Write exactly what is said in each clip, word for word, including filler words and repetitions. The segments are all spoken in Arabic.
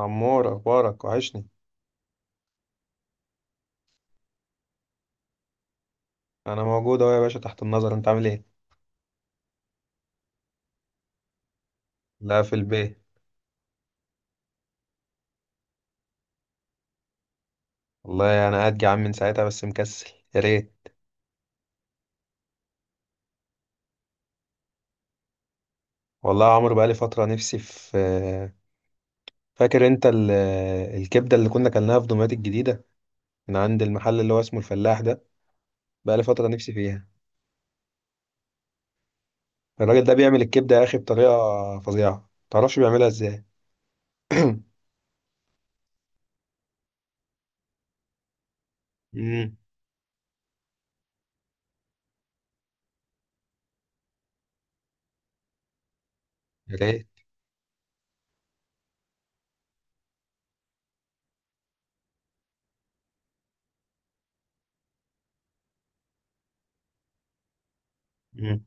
عمور، اخبارك، وحشني. انا موجود اهو يا باشا، تحت النظر. انت عامل ايه؟ لا، في البيت. والله انا قاعد جعان من ساعتها بس مكسل. يا ريت. والله يا عمرو، بقالي فتره نفسي في فاكر انت ال- الكبده اللي كنا كلناها في دمياط الجديده من عند المحل اللي هو اسمه الفلاح ده. بقالي فتره نفسي فيها. الراجل ده بيعمل الكبده يا اخي بطريقه فظيعه، متعرفش بيعملها ازاي. امم. يا ريت. مم.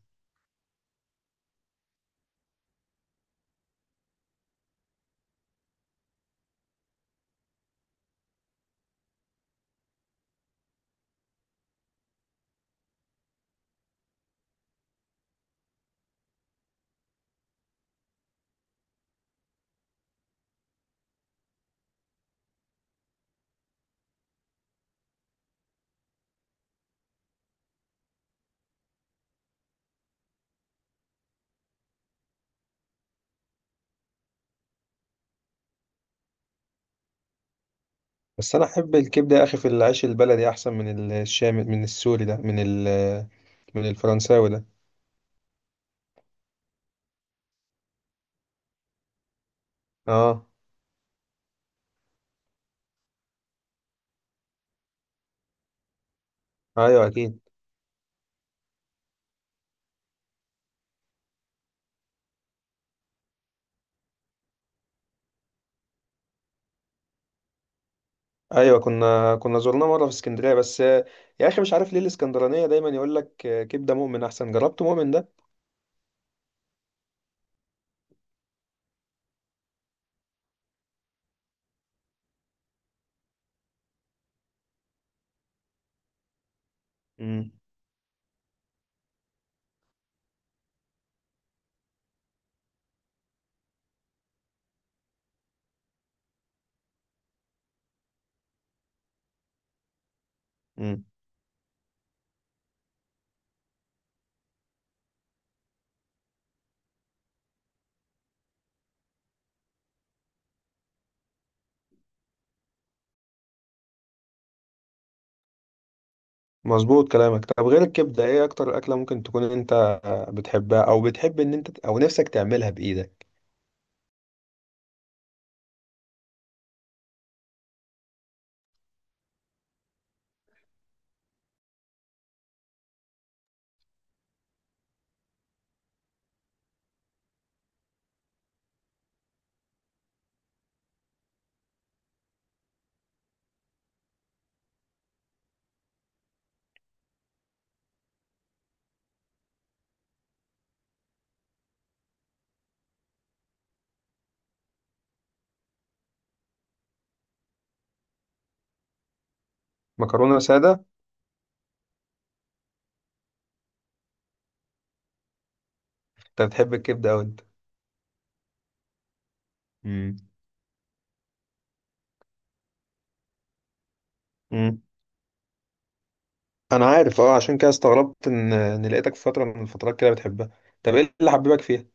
بس انا احب الكبده يا اخي في العيش البلدي احسن من الشام، من السوري ده، من ال من الفرنساوي ده. اه. ايوه، اكيد. ايوه، كنا كنا زرناه مره في اسكندريه بس آه، يا اخي مش عارف ليه الاسكندرانيه دايما يقول لك آه، كبده مؤمن احسن. جربت مؤمن ده؟ امم. امم. مظبوط كلامك. طب غير الكبده، ايه اكتر اكله ممكن تكون انت آه، بتحبها او بتحب ان انت او نفسك تعملها بايدك؟ مكرونه ساده؟ انت بتحب الكبده او انت؟ امم. امم. انا عارف، اه، عشان كده استغربت ان ان لقيتك في فتره من الفترات كده بتحبها. طب ايه اللي حببك فيها؟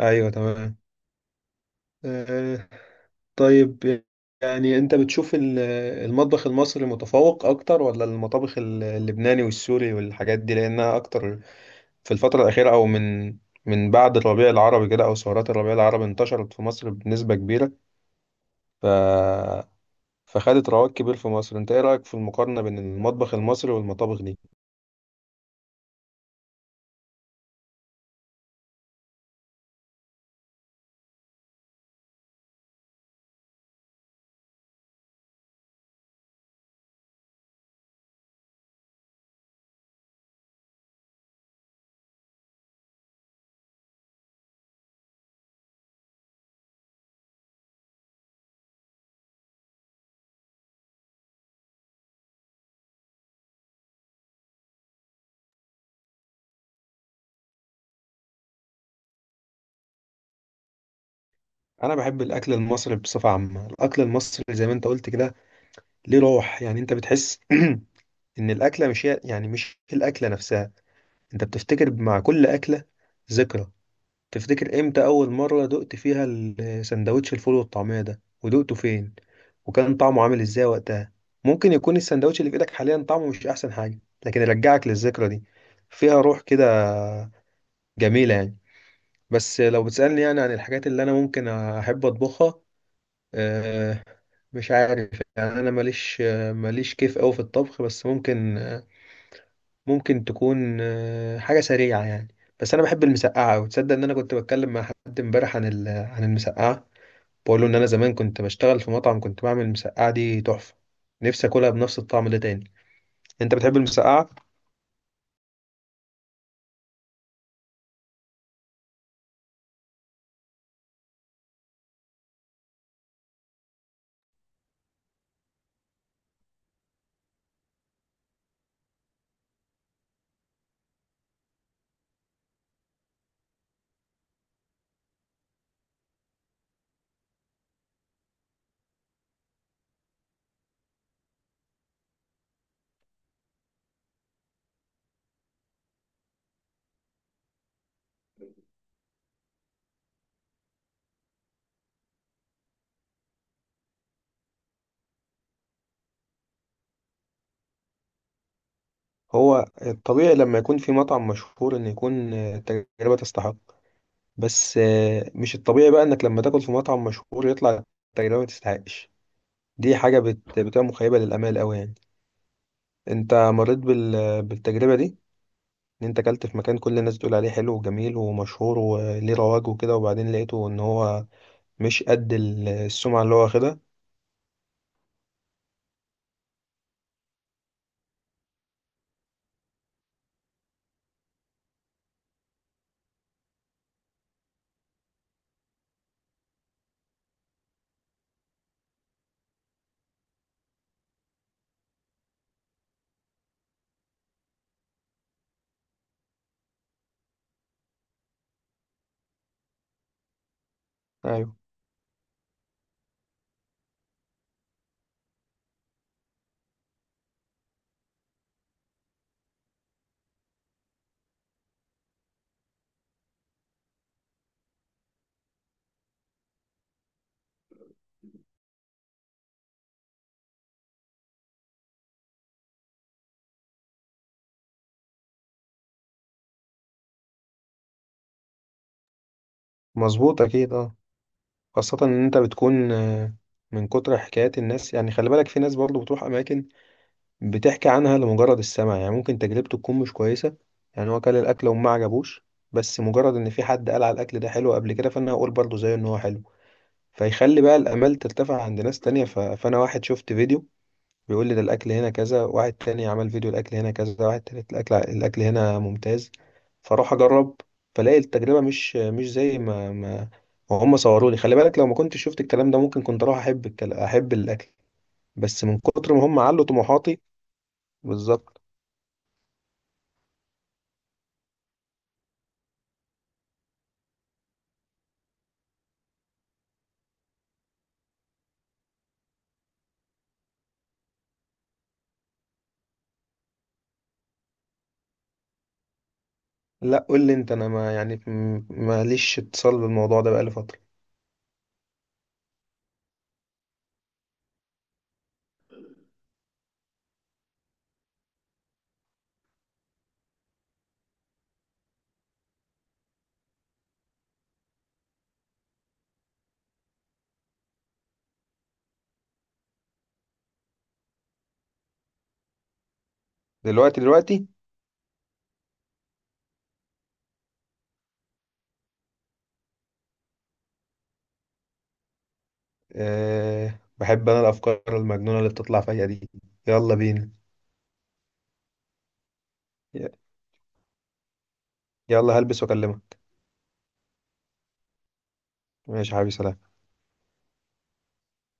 ايوه. تمام. طيب. يعني انت بتشوف ال- المطبخ المصري متفوق اكتر ولا المطابخ ال- اللبناني والسوري والحاجات دي لانها اكتر في الفترة الأخيرة، او من من بعد الربيع العربي كده، او ثورات الربيع العربي انتشرت في مصر بنسبة كبيرة، ف فخدت رواج كبير في مصر. انت ايه رأيك في المقارنة بين المطبخ المصري والمطابخ دي؟ انا بحب الاكل المصري بصفة عامة. الاكل المصري زي ما انت قلت كده ليه روح، يعني انت بتحس ان الاكله مش هي، يعني مش الاكله نفسها. انت بتفتكر مع كل أكلة ذكرى. تفتكر امتى أول مرة دقت فيها السندوتش الفول والطعمية ده، ودقته فين، وكان طعمه عامل ازاي وقتها. ممكن يكون السندوتش اللي في ايدك حاليا طعمه مش احسن حاجة، لكن يرجعك للذكرى دي. فيها روح كده، جميلة يعني. بس لو بتسألني يعني عن الحاجات اللي انا ممكن احب اطبخها، آه، مش عارف. يعني انا ماليش آه، ماليش كيف قوي في الطبخ، بس ممكن آه، ممكن تكون آه، حاجة سريعة يعني. بس أنا بحب المسقعة أوي. تصدق إن أنا كنت بتكلم مع حد إمبارح عن ال... عن المسقعة؟ بقول له إن أنا زمان كنت بشتغل في مطعم، كنت بعمل المسقعة دي تحفة. نفسي أكلها بنفس الطعم ده تاني. أنت بتحب المسقعة؟ هو الطبيعي لما يكون في مطعم مشهور إن يكون آه، التجربة تستحق. بس آه، مش الطبيعي بقى إنك لما تاكل في مطعم مشهور يطلع التجربة ما تستحقش. دي حاجة بت... بتبقى مخيبة للآمال أوي يعني. أنت مريت بال... بالتجربة دي؟ ان انت اكلت في مكان كل الناس بتقول عليه حلو وجميل ومشهور وليه رواج وكده، وبعدين لقيته ان هو مش قد ال- السمعة اللي هو واخدها. ايوه. مظبوط، اكيد، اه. خاصة ان انت بتكون آه، من كتر حكايات الناس، يعني خلي بالك في ناس برضو بتروح اماكن بتحكي عنها لمجرد السمع، يعني ممكن تجربته تكون مش كويسة. يعني هو كل الاكل وما عجبوش. بس مجرد ان في حد قال على الاكل ده حلو قبل كده، فانا هقول برضو زيه ان هو حلو، فيخلي بقى الامال ترتفع عند ناس تانية. ف... فانا واحد شفت فيديو بيقول لي ده الاكل هنا كذا، واحد تاني عمل فيديو الاكل هنا كذا، واحد تالت الاكل الاكل هنا ممتاز. فاروح اجرب، فلاقي التجربه مش مش زي ما ما هم صوروا لي. خلي بالك لو ما كنتش شفت الكلام ده ممكن كنت اروح احب الكل... احب الاكل. بس من كتر ما هم علوا طموحاتي. بالظبط. لا، قول لي انت. انا ما يعني م- ماليش اتصال بالموضوع ده بقالي فتره. دلوقتي؟ دلوقتي؟ أه، بحب انا الافكار المجنونه اللي بتطلع فيا دي. يلا بينا. ي- يلا هلبس واكلمك. ماشي يا حبيبي، سلام.